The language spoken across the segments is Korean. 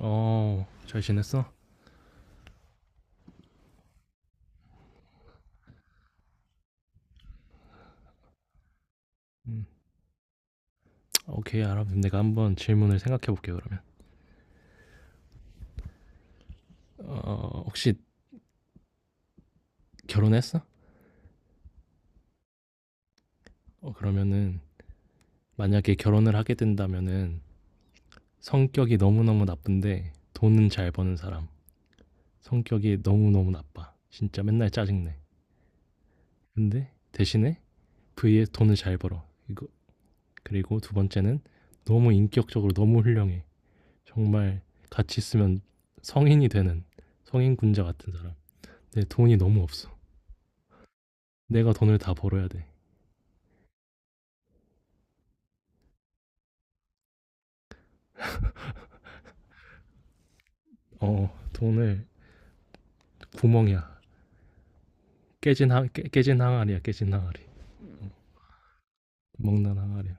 어, 잘 지냈어? 오케이, 알아. 내가 한번 질문을 생각해 볼게, 그러면. 어, 혹시 결혼했어? 어, 그러면은, 만약에 결혼을 하게 된다면은, 성격이 너무너무 나쁜데, 돈은 잘 버는 사람. 성격이 너무너무 나빠. 진짜 맨날 짜증내. 근데, 대신에, vs 돈을 잘 벌어. 이거, 그리고 두 번째는, 너무 인격적으로 너무 훌륭해. 정말, 같이 있으면 성인이 되는, 성인 군자 같은 사람. 근데 돈이 너무 없어. 내가 돈을 다 벌어야 돼. 어, 돈을 구멍이야. 깨진 항아리야 깨진 항아리. 먹는 항아리야.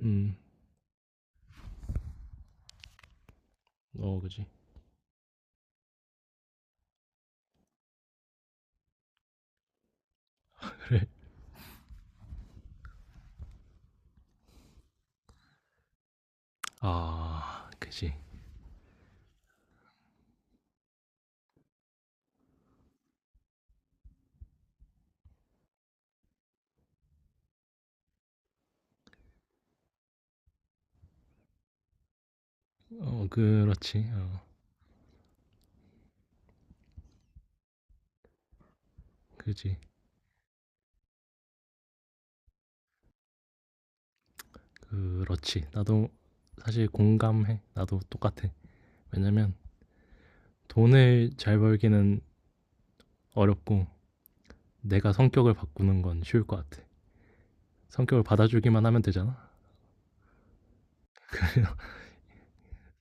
어. 그지. 그래. 아, 그지. 어, 그렇지, 어. 그지. 그렇지, 나도 사실 공감해. 나도 똑같아. 왜냐면 돈을 잘 벌기는 어렵고, 내가 성격을 바꾸는 건 쉬울 것 같아. 성격을 받아주기만 하면 되잖아.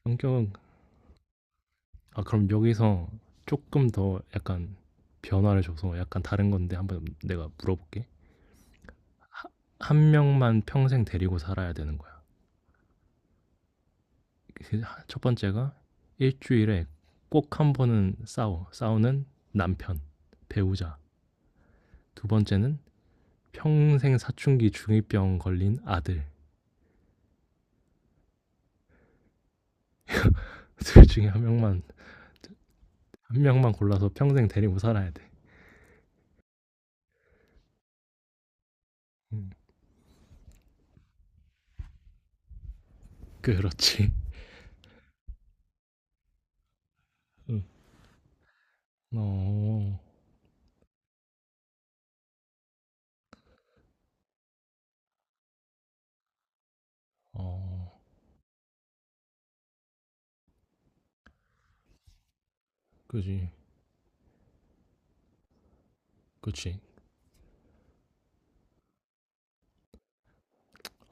성격은, 아, 그럼 여기서 조금 더 약간 변화를 줘서 약간 다른 건데 한번 내가 물어볼게. 한 명만 평생 데리고 살아야 되는 거야. 그 첫 번째가, 일주일에 꼭 한 번은 싸워. 싸우는 남편, 배우자. 두 번째는 평생 사춘기 중이병 걸린 아들. 둘 중에 한 명만 골라서 평생 데리고 살아야 돼. 응. 그렇지. 응. 어. 어. 그지. 그치.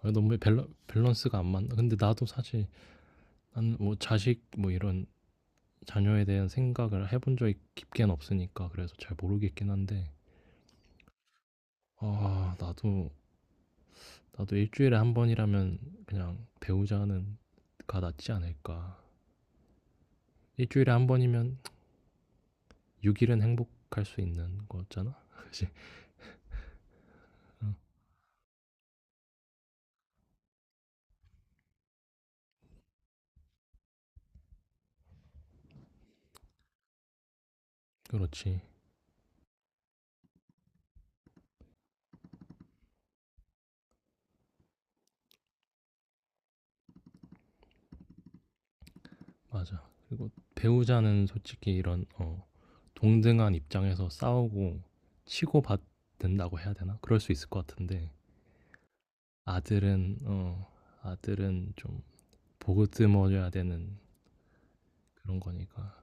아, 너무 밸런스가 안 맞나. 근데 나도 사실 난 뭐 자식 뭐 이런 자녀에 대한 생각을 해본 적이 깊게는 없으니까 그래서 잘 모르겠긴 한데, 아 나도, 나도 일주일에 한 번이라면 그냥 배우자는 가 낫지 않을까. 일주일에 한 번이면 6일은 행복할 수 있는 거잖아. 그지. 그렇지. 맞아. 그리고 배우자는 솔직히 이런, 어, 동등한 입장에서 싸우고 치고받는다고 해야 되나, 그럴 수 있을 것 같은데. 아들은 어, 아들은 좀 보듬어줘야 되는 그런 거니까.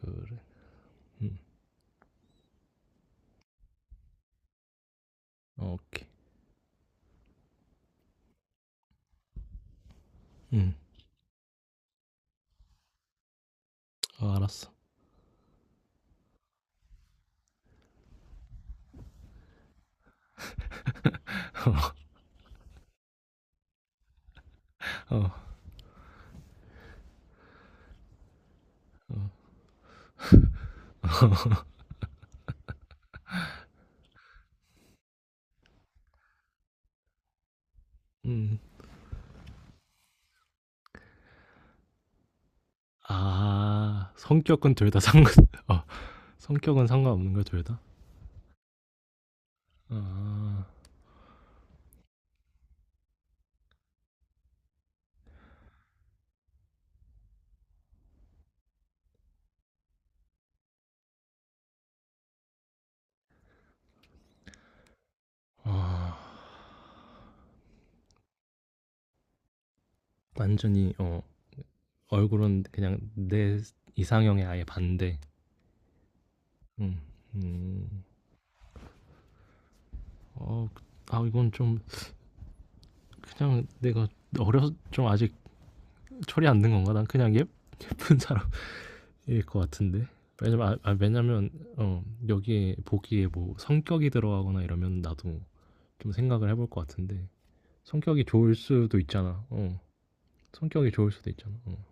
그래. 음. 어, 오케이. 음. 어, 알았어. 어. 음. 아, 성격은 둘 다 상관. 어, 성격은 상관없는 거야 둘 다. 아, 아, 완전히 어, 얼굴은 그냥 내 이상형에 아예 반대. 음, 음. 어, 아, 이건 좀 그냥 내가 어려 좀 아직 철이 안 든 건가? 난 그냥 예쁜 사람 일 것 같은데. 왜냐면 왜냐면 어, 여기에 보기에 뭐 성격이 들어가거나 이러면 나도 좀 생각을 해볼 것 같은데. 성격이 좋을 수도 있잖아. 어. 성격이 좋을 수도 있잖아. 어.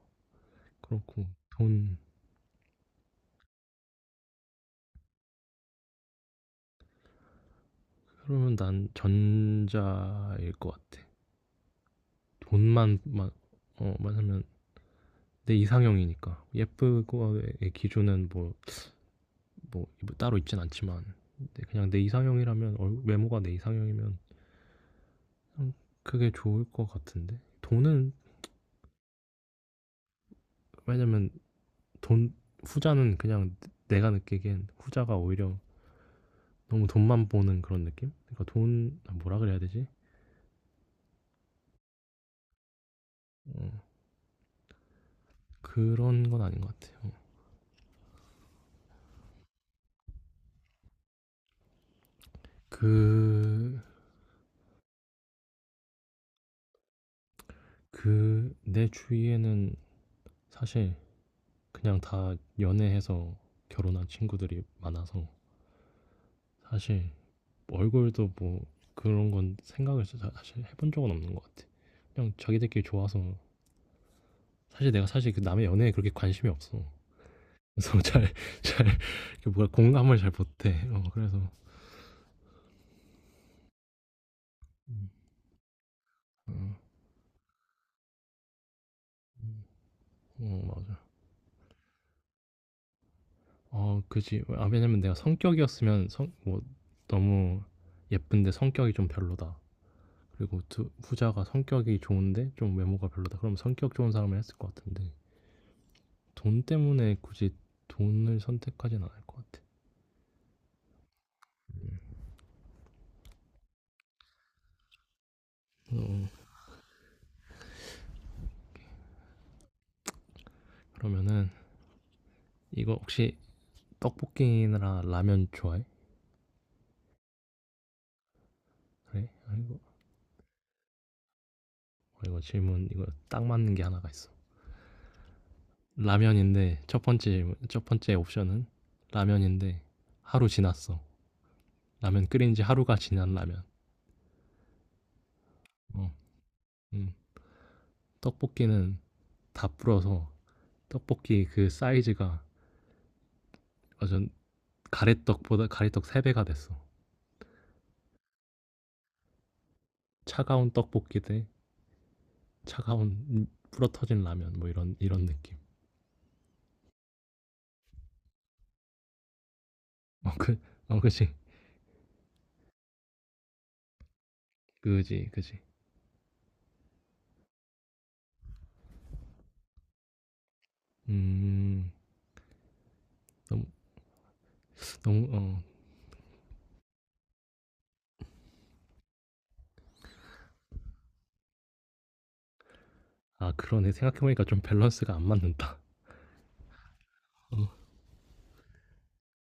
그렇고 돈, 그러면 난 전자일 것 같아. 돈만 만, 어, 만하면 내 이상형이니까. 예쁘고의 기준은 뭐 따로 있진 않지만, 근데 그냥 내 이상형이라면 얼- 외모가 내 이상형이면 음, 그게 좋을 것 같은데. 돈은, 왜냐면 돈, 후자는 그냥 내가 느끼기엔 후자가 오히려 너무 돈만 보는 그런 느낌. 그러니까 돈, 아, 뭐라 그래야 되지? 어, 그런 건 아닌 것 같아요. 그 그 내 주위에는 사실 그냥 다 연애해서 결혼한 친구들이 많아서 사실 얼굴도 뭐 그런 건 생각을 진 사실 해본 적은 없는 것 같아. 그냥 자기들끼리 좋아서, 사실 내가 사실 그 남의 연애에 그렇게 관심이 없어. 그래서 잘, 이렇게 뭐가 공감을 잘 못해. 어, 그래서. 음, 어, 어, 맞아. 어, 그지. 아, 왜냐면 내가 성격이었으면, 성, 뭐, 너무 예쁜데 성격이 좀 별로다, 그리고 두, 후자가 성격이 좋은데 좀 외모가 별로다, 그럼 성격 좋은 사람을 했을 것 같은데. 돈 때문에 굳이 돈을 선택하진 않을 것 같아. 어, 그러면은, 이거 혹시 떡볶이나 라면 좋아해? 그래? 어, 이거 질문 이거 딱 맞는 게 하나가 있어. 라면인데 첫 번째 질문- 첫 번째 옵션은 라면인데 하루 지났어. 라면 끓인 지 하루가 지난 라면. 어, 음. 떡볶이는 다 불어서 떡볶이 그 사이즈가 완전 가래떡보다 가래떡 3배가 됐어. 차가운 떡볶이 대 차가운 불어 터진 라면, 뭐 이런 이런 느낌. 어, 그, 어, 그지, 그지, 그지. 음, 너무, 너무, 어, 아 그러네, 생각해보니까 좀 밸런스가 안 맞는다.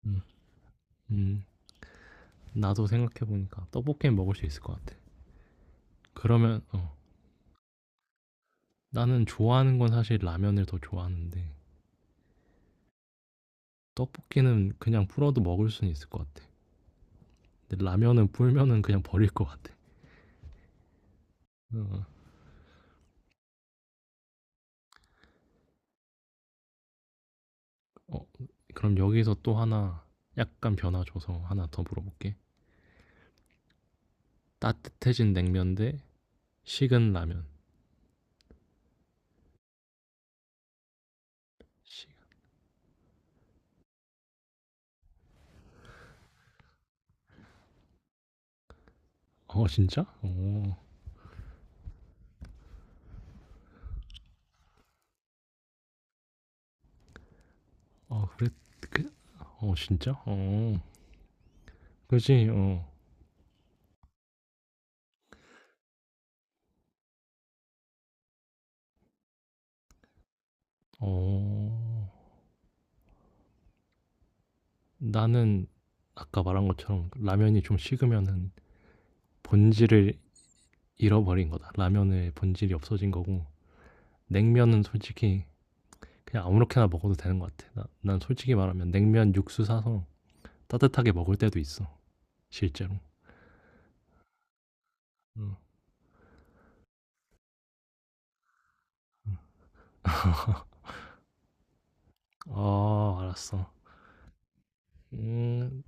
음, 음, 나도 생각해보니까 떡볶이 먹을 수 있을 것 같아. 그러면, 어, 나는 좋아하는 건 사실 라면을 더 좋아하는데, 떡볶이는 그냥 풀어도 먹을 수는 있을 것 같아. 근데 라면은 불면은 그냥 버릴 것 같아. 어, 어, 그럼 여기서 또 하나, 약간 변화 줘서 하나 더 물어볼게. 따뜻해진 냉면 대 식은 라면. 식-, 어, 진짜? 어, 어, 그래, 그, 어, 진짜? 어, 그지, 어, 어. 나는 아까 말한 것처럼 라면이 좀 식으면은 본질을 잃어버린 거다. 라면의 본질이 없어진 거고 냉면은 솔직히 그냥 아무렇게나 먹어도 되는 것 같아. 나, 난 솔직히 말하면 냉면 육수 사서 따뜻하게 먹을 때도 있어. 실제로. 응. 아, 알았어. 음,